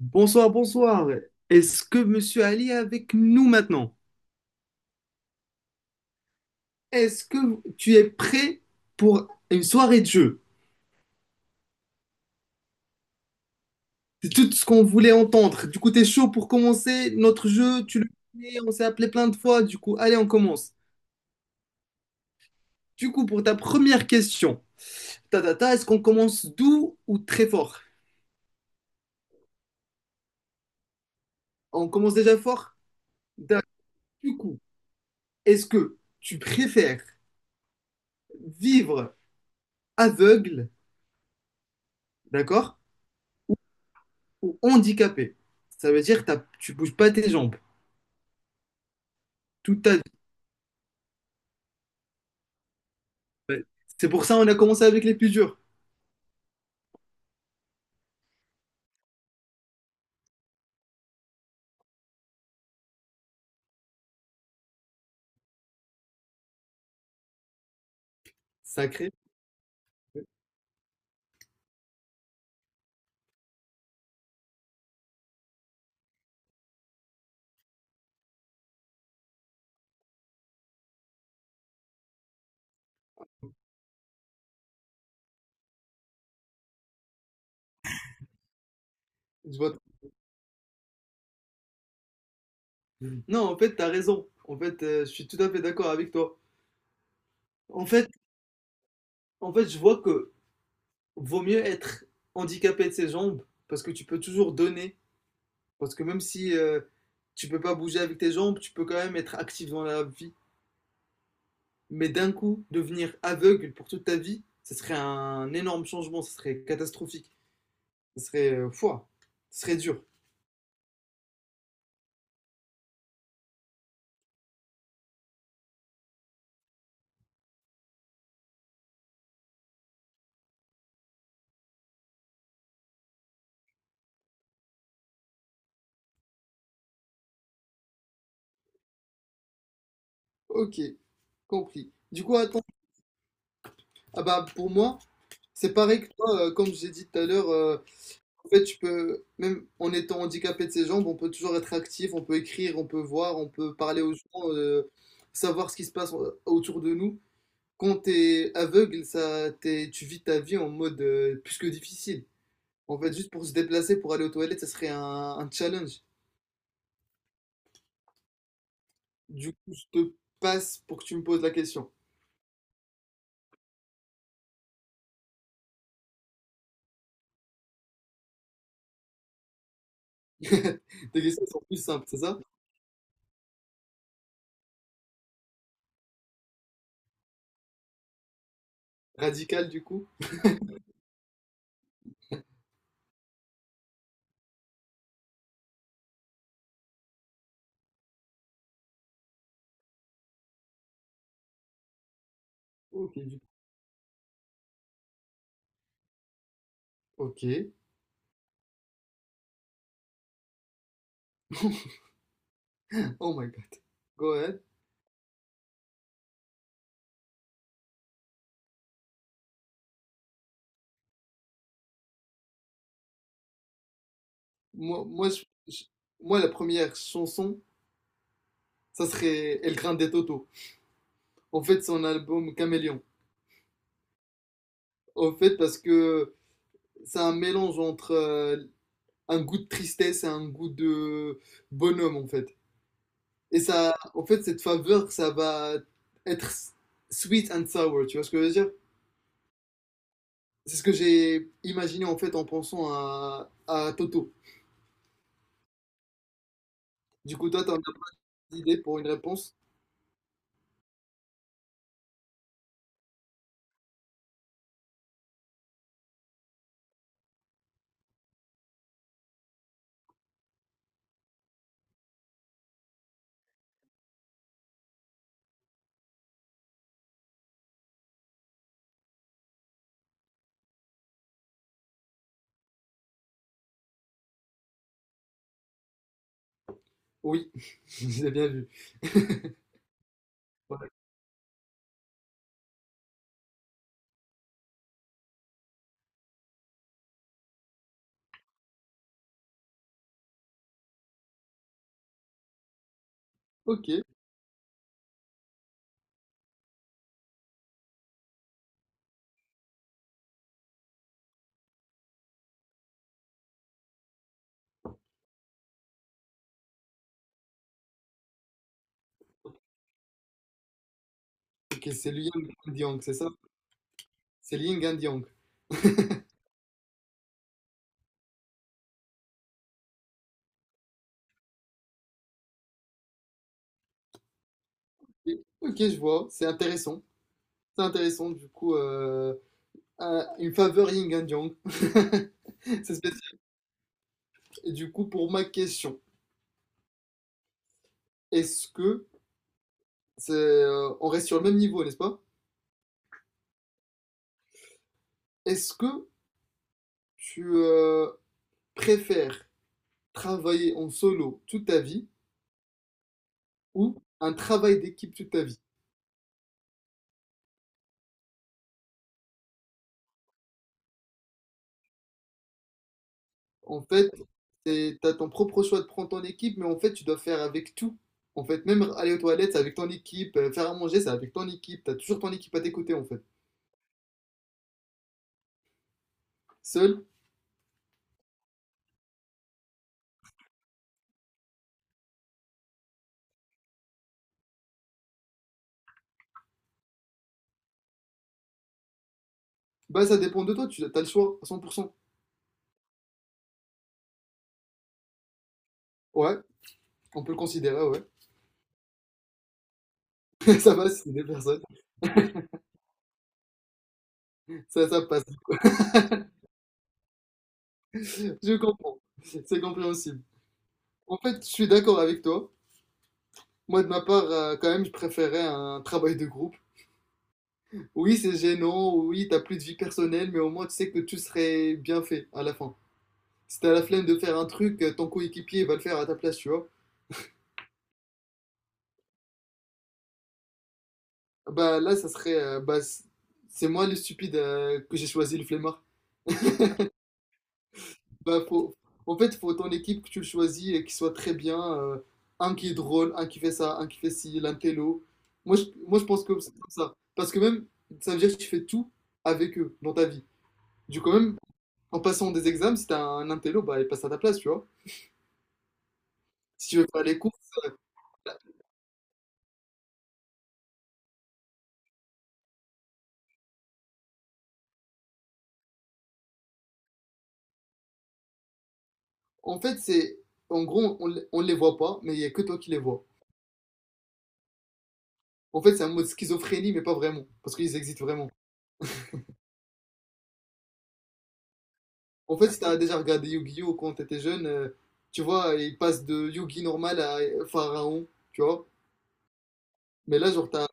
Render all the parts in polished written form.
Bonsoir, bonsoir. Est-ce que Monsieur Ali est avec nous maintenant? Est-ce que tu es prêt pour une soirée de jeu? C'est tout ce qu'on voulait entendre. Du coup, t'es chaud pour commencer notre jeu, tu le connais, on s'est appelé plein de fois. Du coup, allez, on commence. Du coup, pour ta première question, est-ce qu'on commence doux ou très fort? On commence déjà fort? D'accord. Du coup, est-ce que tu préfères vivre aveugle, d'accord, ou handicapé? Ça veut dire que tu bouges pas tes jambes. Tout à fait. C'est pour ça qu'on a commencé avec les plus durs. Sacré. Je vois. Non, en fait, tu as raison. En fait, je suis tout à fait d'accord avec toi. En fait, en fait, je vois que vaut mieux être handicapé de ses jambes parce que tu peux toujours donner. Parce que même si tu peux pas bouger avec tes jambes, tu peux quand même être actif dans la vie. Mais d'un coup, devenir aveugle pour toute ta vie, ce serait un énorme changement, ce serait catastrophique, ce serait fouah, ce serait dur. Ok. Compris. Du coup, attends, ah bah, pour moi, c'est pareil que toi, comme j'ai dit tout à l'heure, en fait, tu peux, même en étant handicapé de ses jambes, on peut toujours être actif, on peut écrire, on peut voir, on peut parler aux gens, savoir ce qui se passe autour de nous. Quand t'es aveugle, ça, tu vis ta vie en mode plus que difficile. En fait, juste pour se déplacer, pour aller aux toilettes, ça serait un challenge. Du coup, je te passe pour que tu me poses la question. Tes questions sont plus simples, c'est ça? Radicales, du coup? Ok, du coup. Ok. Oh my god. Go ahead. Moi, moi, je- je- moi, la première chanson, ça serait El Grande Toto. En fait, son album Caméléon. En fait, parce que c'est un mélange entre un goût de tristesse et un goût de bonhomme, en fait. Et ça, en fait, cette faveur, ça va être sweet and sour, tu vois ce que je veux dire? C'est ce que j'ai imaginé, en fait, en pensant à Toto. Du coup, toi, t'as une idée pour une réponse? Oui, j'ai bien vu. Ok, ok, c'est le Yang and Yang, c'est ça? C'est le Yin and Yang. Ok, je vois, c'est intéressant. C'est intéressant, du coup, une faveur Yin and Yang. C'est spécial. Et du coup, pour ma question, est-ce que, on reste sur le même niveau, n'est-ce pas? Est-ce que tu préfères travailler en solo toute ta vie ou un travail d'équipe toute ta vie? En fait, c'est, t'as ton propre choix de prendre ton équipe, mais en fait, tu dois faire avec tout. En fait, même aller aux toilettes, c'est avec ton équipe. Faire à manger, c'est avec ton équipe. T'as toujours ton équipe à tes côtés, en fait. Seul, bah, ça dépend de toi. Tu as le choix à 100%. Ouais, on peut le considérer, ouais. Ça passe, c'est des personnes. Ça passe. Je comprends. C'est compréhensible. En fait, je suis d'accord avec toi. Moi, de ma part, quand même, je préférais un travail de groupe. Oui, c'est gênant. Oui, t'as plus de vie personnelle, mais au moins, tu sais que tout serait bien fait à la fin. Si t'as la flemme de faire un truc, ton coéquipier va le faire à ta place, tu vois. Bah là, ça serait. Bah, c'est moi le stupide que j'ai choisi le flemmard. Bah, faut ton équipe que tu le choisis et qu'il soit très bien. Un qui est drôle, un qui fait ça, un qui fait ci, l'intello. Moi, je pense que c'est comme ça. Parce que même, ça veut dire que tu fais tout avec eux dans ta vie. Du coup, même en passant des examens, si t'as un intello, bah, il passe à ta place, tu vois. Si tu veux faire les courses, euh, en fait, c'est. En gros, on les voit pas, mais il y a que toi qui les vois. En fait, c'est un mode schizophrénie, mais pas vraiment, parce qu'ils existent vraiment. En fait, si t'as déjà regardé Yu-Gi-Oh! Quand t'étais jeune, tu vois, il passe de Yugi normal à Pharaon, tu vois. Mais là, genre, t'as...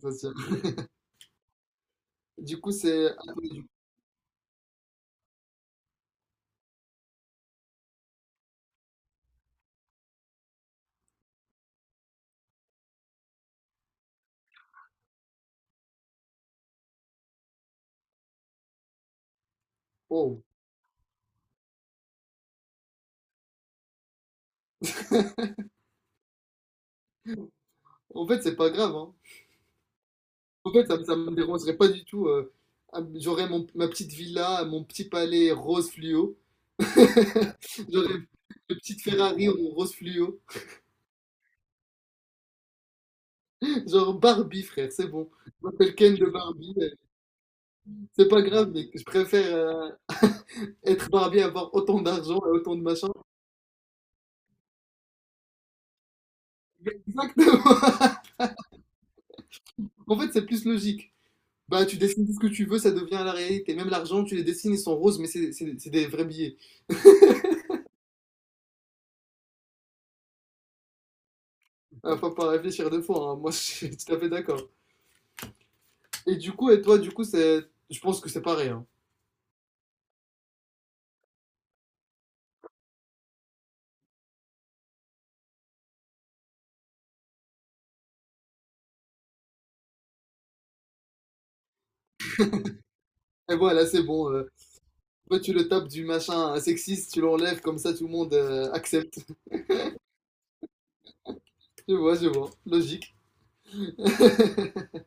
ça, c'est- Du coup, c'est... Oh. En fait, c'est pas grave, hein. En fait, ça me dérangerait pas du tout. J'aurais ma petite villa, mon petit palais rose fluo. J'aurais une petite Ferrari en rose fluo. Genre Barbie, frère, c'est bon. Je m'appelle Ken de Barbie. C'est pas grave, mais je préfère... être barbier, avoir autant d'argent et autant de machin. Exactement. En fait, c'est plus logique. Bah, tu dessines tout ce que tu veux, ça devient la réalité. Même l'argent, tu les dessines, ils sont roses, mais c'est des vrais billets. Faut pas réfléchir deux fois, hein. Moi, je suis tout à fait d'accord. Et du coup, et toi, du coup, c'est, je pense que c'est pareil, hein. Et voilà, c'est bon. Toi, tu le tapes du machin sexiste, tu l'enlèves, comme ça, tout le monde accepte. Je vois, je vois. Logique. C'est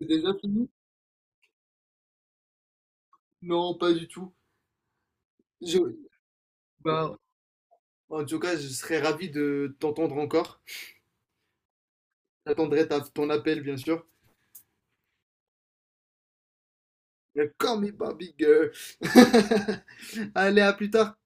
déjà fini? Non, pas du tout. Je- Bah, en tout cas, je serais ravi de t'entendre encore. J'attendrai ton appel, bien sûr. Mais Call me Bobby Girl. Allez, à plus tard.